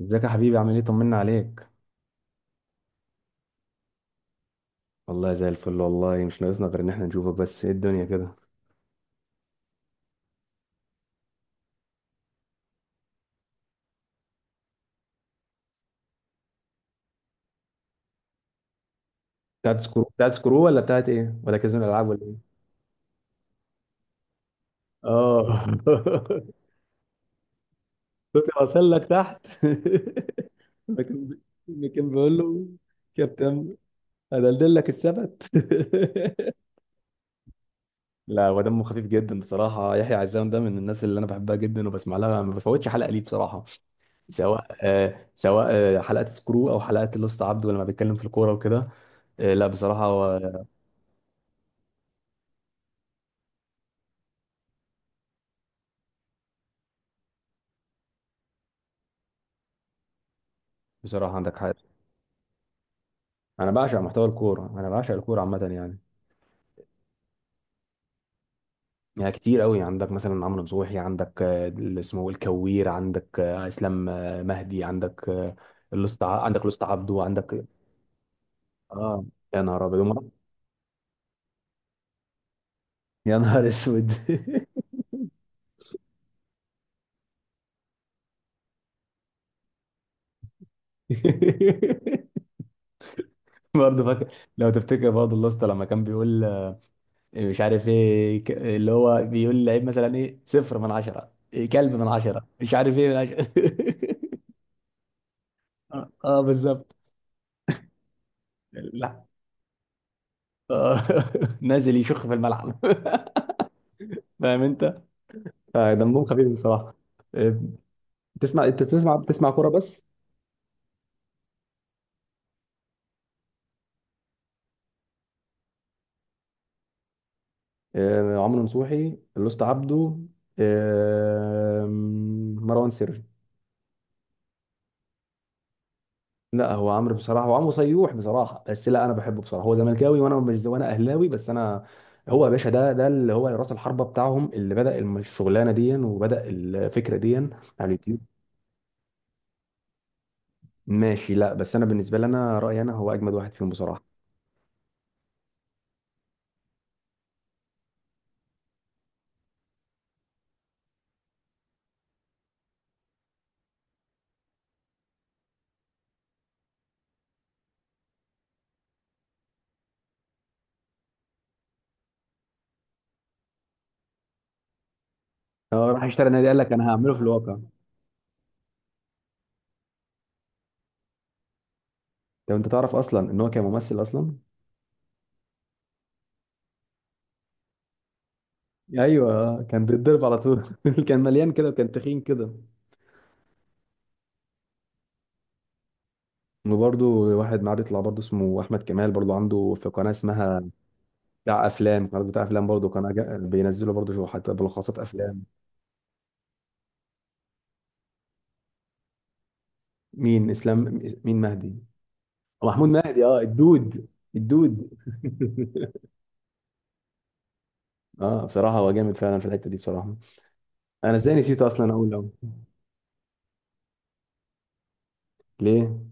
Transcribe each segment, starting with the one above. ازيك يا حبيبي، عامل ايه؟ طمنا عليك. والله زي الفل، والله مش ناقصنا غير ان احنا نشوفك، بس ايه الدنيا كده؟ بتاعت سكرو بتاعت سكرو، ولا بتاعت ايه، ولا كازينو الالعاب، ولا ايه؟ اه. كنت واصل لك تحت. لكن لكن بقول له، كابتن، هدلدل لك السبت. لا، هو دمه خفيف جدا بصراحه. يحيى عزام ده من الناس اللي انا بحبها جدا وبسمع لها، ما بفوتش حلقه ليه بصراحه. سواء سواء حلقه سكرو او حلقه لوست عبد لما بيتكلم في الكوره وكده. لا بصراحة هو. بصراحة عندك حق. أنا بعشق محتوى الكورة، أنا بعشق الكورة عامة يعني. يعني كتير قوي، عندك مثلا عمرو نصوحي، عندك اللي اسمه الكوير، عندك إسلام مهدي، عندك الأسطى عندك الأسطى عبده، عندك. آه. يا نهار أبيض. يا نهار أسود. برضه فاكر؟ لو تفتكر برضه الأسطى لما كان بيقول مش عارف إيه، اللي هو بيقول لعيب مثلا إيه، صفر من عشرة، إيه، كلب من عشرة، مش عارف إيه من عشرة. اه، آه، بالظبط. آه، نازل يشخ في الملعب. فاهم انت؟ فدمهم خفيف بصراحه. آه، بتسمع انت بتسمع بتسمع كوره بس؟ عمرو نصوحي، لوست عبده، آه، مروان سري. لا، هو عمرو بصراحه، هو عمرو صيوح بصراحه، بس لا، انا بحبه بصراحه. هو زملكاوي وانا مش وانا اهلاوي، بس انا. هو يا باشا ده اللي هو راس الحربه بتاعهم، اللي بدا الشغلانه دي وبدا الفكره دي على اليوتيوب. ماشي، لا بس انا بالنسبه لي، انا رايي، انا هو اجمد واحد فيهم بصراحه. اه، راح اشترى نادي، قال لك انا هعمله في الواقع. طب انت تعرف اصلا ان هو كان ممثل اصلا؟ ايوه. كان بيتضرب على طول. كان مليان كده وكان تخين كده. وبرضه واحد معاه بيطلع برضه اسمه احمد كمال، برضه عنده في قناه اسمها. بتاع افلام، قناه بتاع افلام، برضه بينزلوا برضه شو حتى بلخصات افلام. مين؟ اسلام؟ مين مهدي؟ محمود مهدي. اه، الدود. الدود. اه، بصراحه هو جامد فعلا في الحته دي بصراحه. انا ازاي نسيت اصلا اقول لو... ليه؟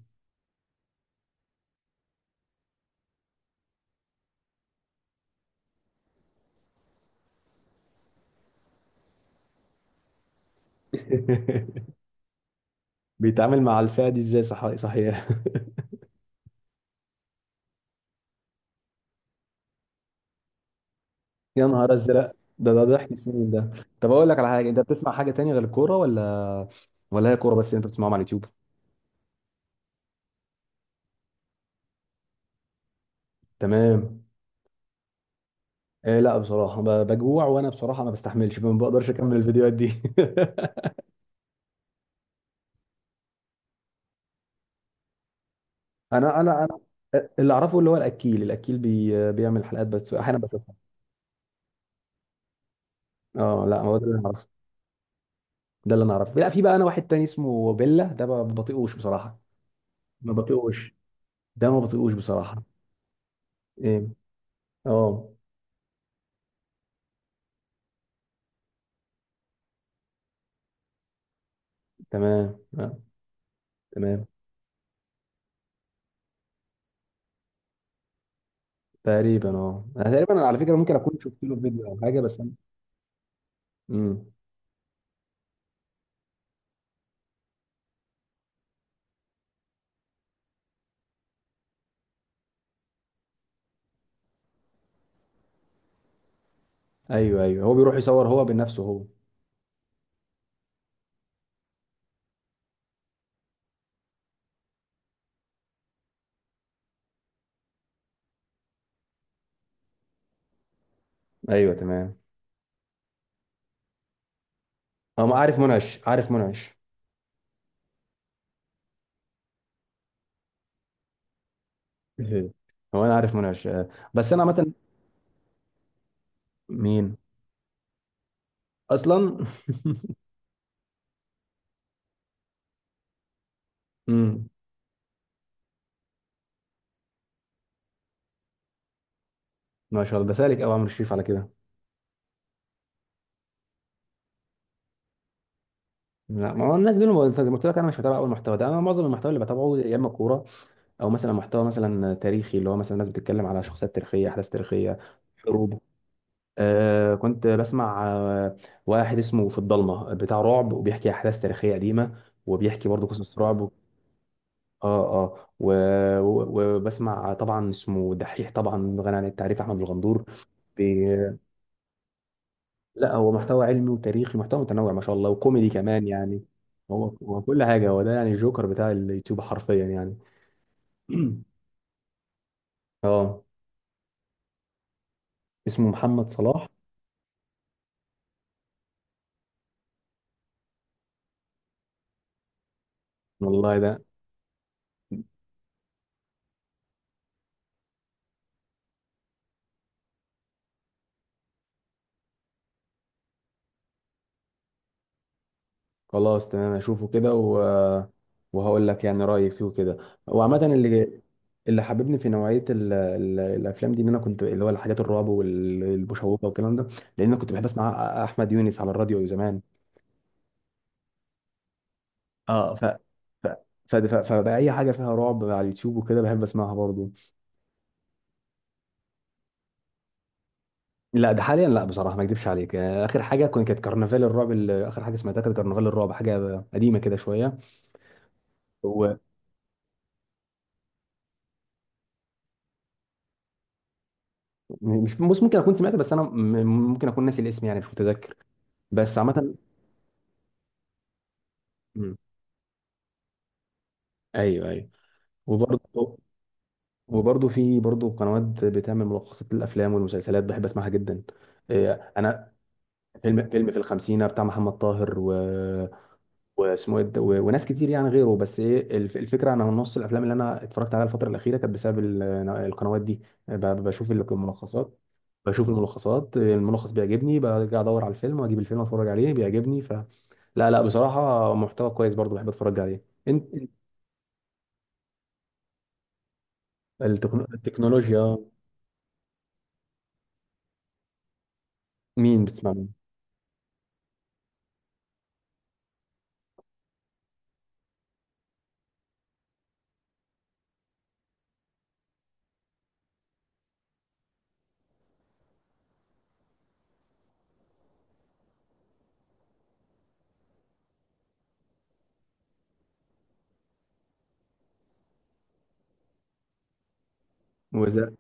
بيتعامل مع الفئه دي ازاي؟ صح، صحيح. يا نهار ازرق. ده ضحك السنين ده. طب اقول لك على حاجه، انت بتسمع حاجه تانية غير الكوره، ولا ولا هي كوره بس اللي انت بتسمعهم على اليوتيوب؟ تمام. إيه، لا بصراحه بجوع وانا بصراحه، ما بستحملش، ما بقدرش اكمل الفيديوهات دي. انا اللي اعرفه، اللي هو الاكيل بيعمل حلقات، بس احيانا بشوفها. اه، لا هو ده اللي انا اعرفه. ده اللي انا اعرفه. لا، في بقى انا واحد تاني اسمه بيلا، ده ما بطيقوش بصراحه. ما بطيقوش. ده ما بطيقوش بصراحه. ايه. اه. تمام، آه. تمام. تقريبا، اه، انا تقريبا، أنا على فكره ممكن اكون شفت له فيديو او حاجه، بس انا. امم ايوه، ايوه، هو بيروح يصور هو بنفسه هو. ايوه، تمام. هو ما عارف منعش؟ عارف منعش. هو انا عارف منعش بس انا عامه. مين؟ اصلا؟ امم ما شاء الله، ده سالك او عمرو شريف على كده؟ لا، ما هو الناس دول زي ما قلت لك انا مش بتابع اول محتوى ده. انا معظم المحتوى اللي بتابعه، يا اما كوره، او مثلا محتوى مثلا تاريخي، اللي هو مثلا ناس بتتكلم على شخصيات تاريخيه، احداث تاريخيه، حروب. كنت بسمع واحد اسمه في الضلمة بتاع رعب، وبيحكي أحداث تاريخية قديمة، وبيحكي برضه قصص رعب و-. اه، اه. وبسمع طبعا اسمه دحيح، طبعا غني عن التعريف، أحمد الغندور. بي... لا، هو محتوى علمي وتاريخي، محتوى متنوع ما شاء الله، وكوميدي كمان يعني. هو كل حاجة، هو ده يعني الجوكر بتاع اليوتيوب حرفيا يعني. اه. اسمه محمد صلاح. والله ده... خلاص، تمام، اشوفه كده و... وهقول لك يعني رايي فيه وكده. وعامه، اللي... اللي حببني في نوعيه الافلام دي، ان انا كنت اللي هو الحاجات الرعب والمشوقه والكلام ده. لان انا كنت بحب اسمع احمد يونس على الراديو زمان. اه، ف... فبقى اي حاجه فيها رعب على اليوتيوب وكده بحب اسمعها برضو. لا، ده حاليا لا بصراحه، ما اكذبش عليك، اخر حاجه كانت كرنفال الرعب، اخر حاجه سمعتها كانت كرنفال الرعب، حاجه قديمه كده شويه. ومش... بص، ممكن اكون سمعتها، بس انا ممكن اكون ناسي الاسم يعني، مش متذكر. بس عامة. مم. ايوه، ايوه. وبرضه. وبرضه في برضه قنوات بتعمل ملخصات للافلام والمسلسلات، بحب اسمعها جدا. إيه، انا... فيلم في الخمسينه بتاع محمد طاهر و... واسمه إيه ده؟ وناس كتير يعني غيره، بس ايه، الفكره انا نص الافلام اللي انا اتفرجت عليها الفتره الاخيره كانت بسبب ال-. القنوات دي. بشوف الملخصات. بشوف الملخصات، الملخص بيعجبني برجع ادور على الفيلم واجيب الفيلم اتفرج عليه بيعجبني، ف... لا، لا، بصراحه محتوى كويس برضه بحب اتفرج عليه انت. التكنولوجيا. مين بتسمع؟ مين؟ وذا...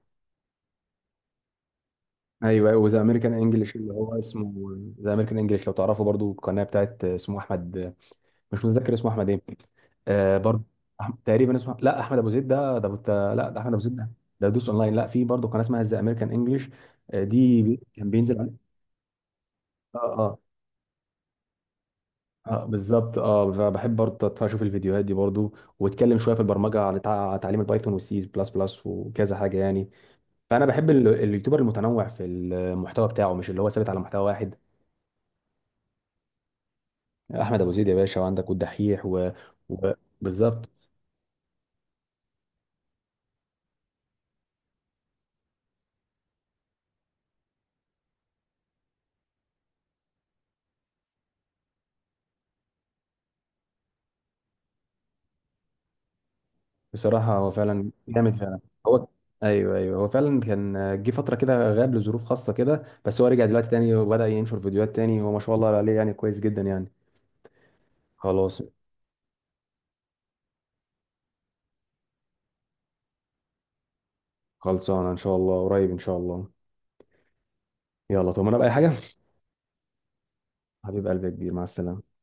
ايوه، وذا امريكان انجلش اللي هو اسمه. ذا امريكان انجلش لو تعرفه برضو، القناه بتاعت، اسمه احمد. مش متذكر اسمه احمد ايه. آه، برضو. تقريبا اسمه، لا، احمد ابو زيد ده لا، ده احمد ابو زيد ده. ده دوس اونلاين. لا، في برضو قناه اسمها ذا امريكان انجلش. دي كان بينزل عليه. اه، اه. اه، بالظبط، اه، فبحب برضه اشوف الفيديوهات دي برضه. واتكلم شويه في البرمجه عن تعليم البايثون والسي بلس بلس وكذا حاجه يعني. فانا بحب اليوتيوبر المتنوع في المحتوى بتاعه، مش اللي هو ثابت على محتوى واحد. احمد ابو زيد يا باشا، وعندك والدحيح و... و... بالظبط. بصراحه هو فعلا جامد فعلا. هو... ايوه، ايوه، هو فعلا كان. جه فتره كده غاب لظروف خاصه كده، بس هو رجع دلوقتي تاني وبدا ينشر فيديوهات تاني، وما شاء الله عليه يعني كويس جدا يعني. خلاص. خلصانه ان شاء الله، قريب ان شاء الله. يلا، طب انا بقى اي حاجه. حبيب قلبي، يا كبير، مع السلامه.